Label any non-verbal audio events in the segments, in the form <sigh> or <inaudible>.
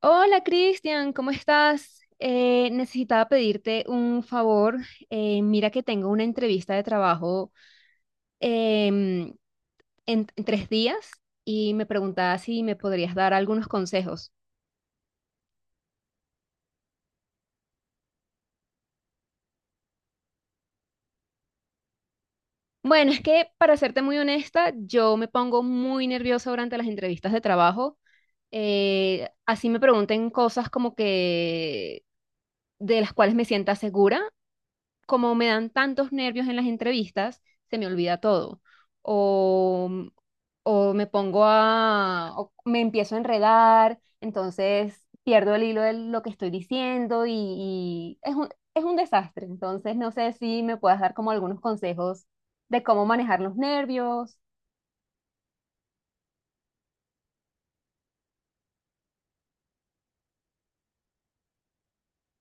Hola Cristian, ¿cómo estás? Necesitaba pedirte un favor. Mira que tengo una entrevista de trabajo em, en 3 días y me preguntaba si me podrías dar algunos consejos. Bueno, es que para serte muy honesta, yo me pongo muy nerviosa durante las entrevistas de trabajo. Así me pregunten cosas como que de las cuales me sienta segura. Como me dan tantos nervios en las entrevistas, se me olvida todo. O, o me pongo a, o me empiezo a enredar, entonces pierdo el hilo de lo que estoy diciendo y es es un desastre. Entonces, no sé si me puedas dar como algunos consejos de cómo manejar los nervios.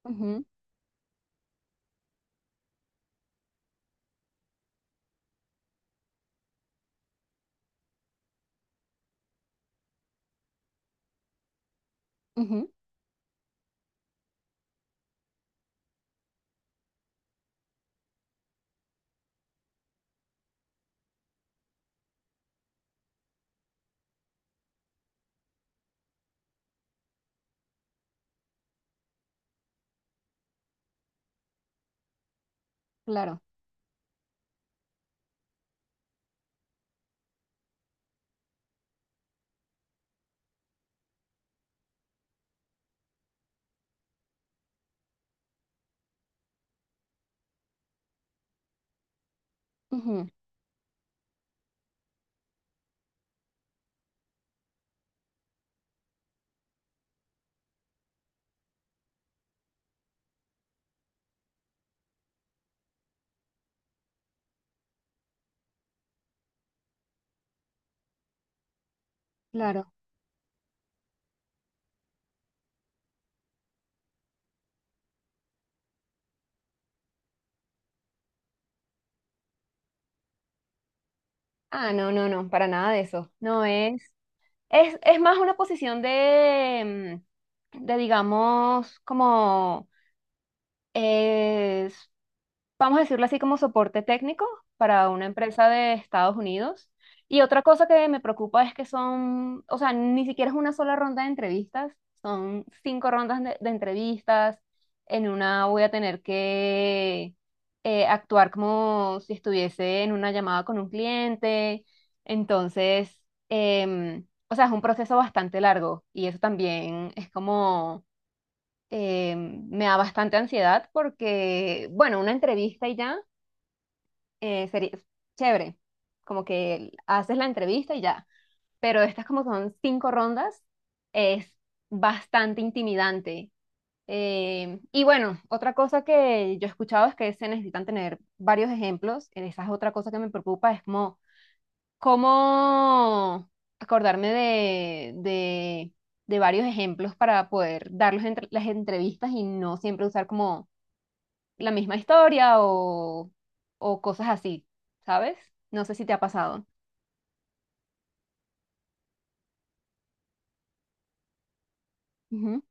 Ujú, ujú, claro, ujú, claro. Ah, no, no, no, para nada de eso. No es. Es más una posición de, de digamos, como vamos a decirlo así, como soporte técnico para una empresa de Estados Unidos. Y otra cosa que me preocupa es que son, o sea, ni siquiera es una sola ronda de entrevistas, son 5 rondas de entrevistas. En una voy a tener que actuar como si estuviese en una llamada con un cliente. Entonces, o sea, es un proceso bastante largo y eso también es como eh, me da bastante ansiedad porque, bueno, una entrevista y ya, sería chévere, como que haces la entrevista y ya, pero estas como son 5 rondas, es bastante intimidante. Y bueno, otra cosa que yo he escuchado es que se necesitan tener varios ejemplos, esa es otra cosa que me preocupa, es como cómo acordarme de varios ejemplos para poder darlos las entrevistas y no siempre usar como la misma historia o cosas así, ¿sabes? No sé si te ha pasado. Ujú.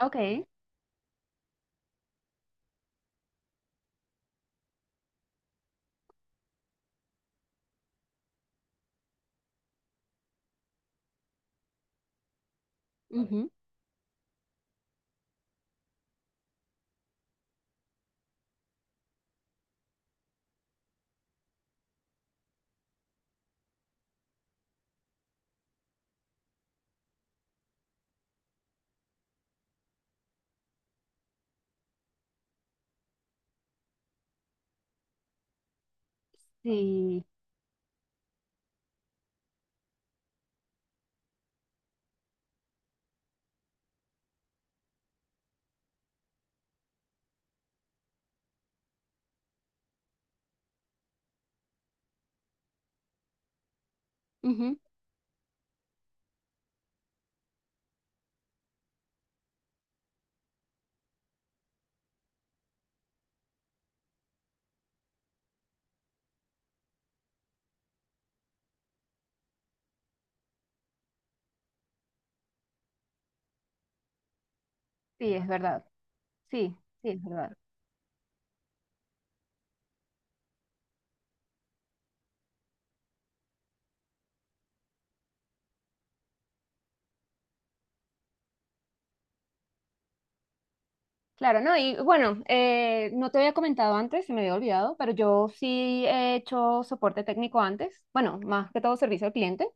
Ok. Ujú. Sí. Ujú. Sí, es verdad. Sí, sí, es verdad. Claro, no, y bueno, no te había comentado antes, se me había olvidado, pero yo sí he hecho soporte técnico antes, bueno, más que todo servicio al cliente.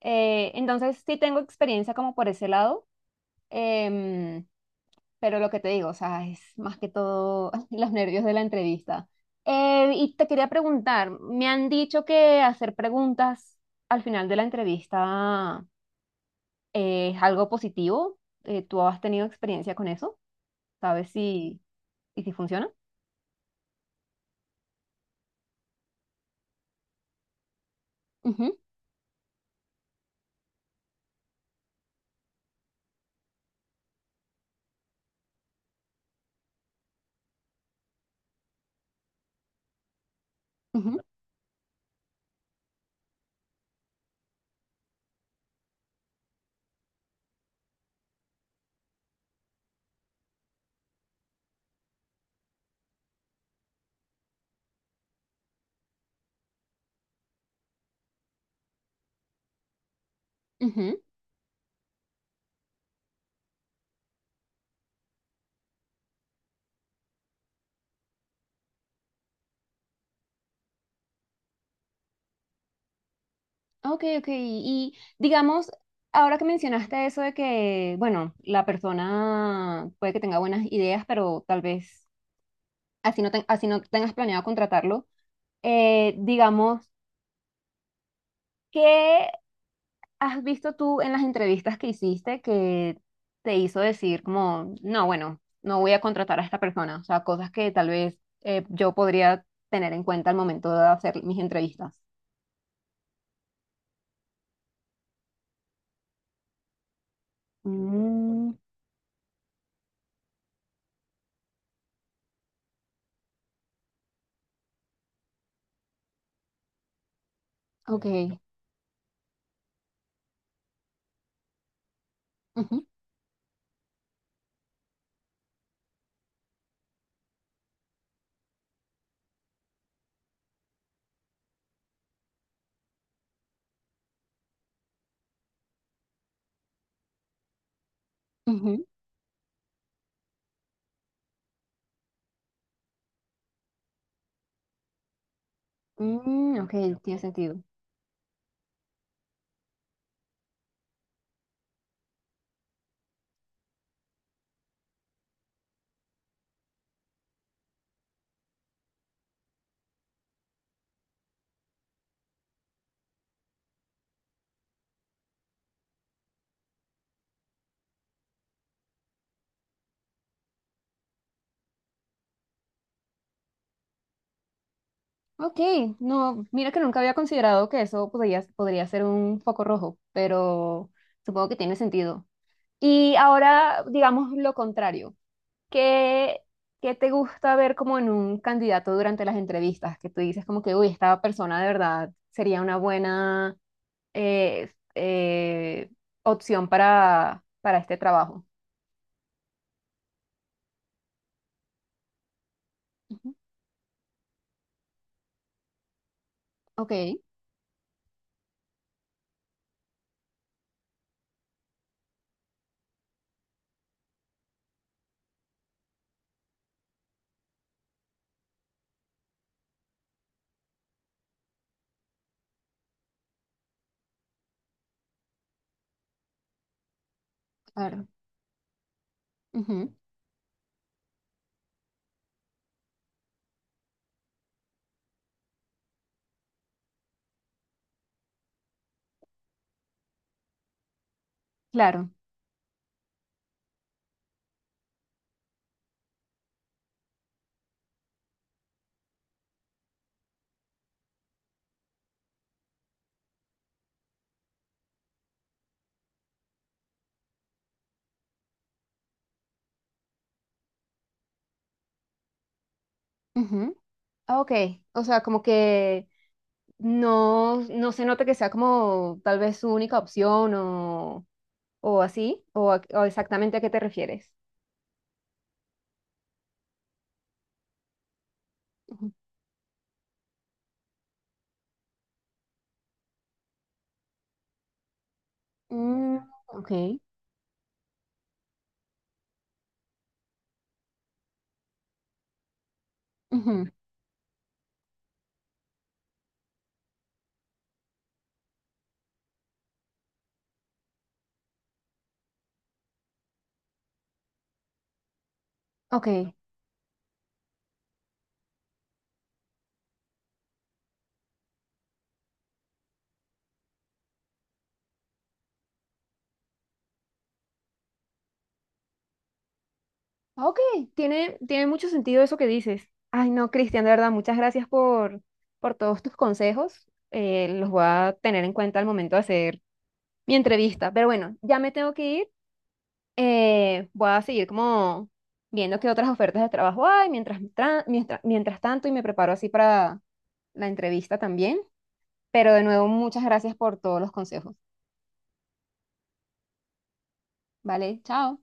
Entonces sí tengo experiencia como por ese lado. Em, Pero lo que te digo, o sea, es más que todo <laughs> los nervios de la entrevista. Y te quería preguntar, me han dicho que hacer preguntas al final de la entrevista es algo positivo. ¿Tú has tenido experiencia con eso? ¿Sabes si, y si funciona? Ujú, ujú, ujú. Ok, ok. Y digamos, ahora que mencionaste eso de que, bueno, la persona puede que tenga buenas ideas, pero tal vez así no, así no tengas planeado contratarlo. Digamos, ¿qué has visto tú en las entrevistas que hiciste que te hizo decir como, no, bueno, no voy a contratar a esta persona? O sea, cosas que tal vez yo podría tener en cuenta al momento de hacer mis entrevistas. Mm, ok. Ujú, ujú. Mm, ok, tiene sentido. Ok, no, mira que nunca había considerado que eso podría ser un foco rojo, pero supongo que tiene sentido. Y ahora, digamos lo contrario. ¿Qué, qué te gusta ver como en un candidato durante las entrevistas? Que tú dices como que, uy, esta persona de verdad sería una buena eh, eh, opción para este trabajo. Ujú. Ok, claro. Ujú, claro. Ujú. Ah, ok, o sea, como que no, no se nota que sea como tal vez su única opción o así, o exactamente a qué te refieres. Ujú. Mm, ok. Ujú, ok. Ok, tiene, tiene mucho sentido eso que dices. Ay, no, Cristian, de verdad, muchas gracias por todos tus consejos. Los voy a tener en cuenta al momento de hacer mi entrevista. Pero bueno, ya me tengo que ir. Voy a seguir como viendo qué otras ofertas de trabajo hay mientras tanto y me preparo así para la entrevista también. Pero de nuevo, muchas gracias por todos los consejos. Vale, chao.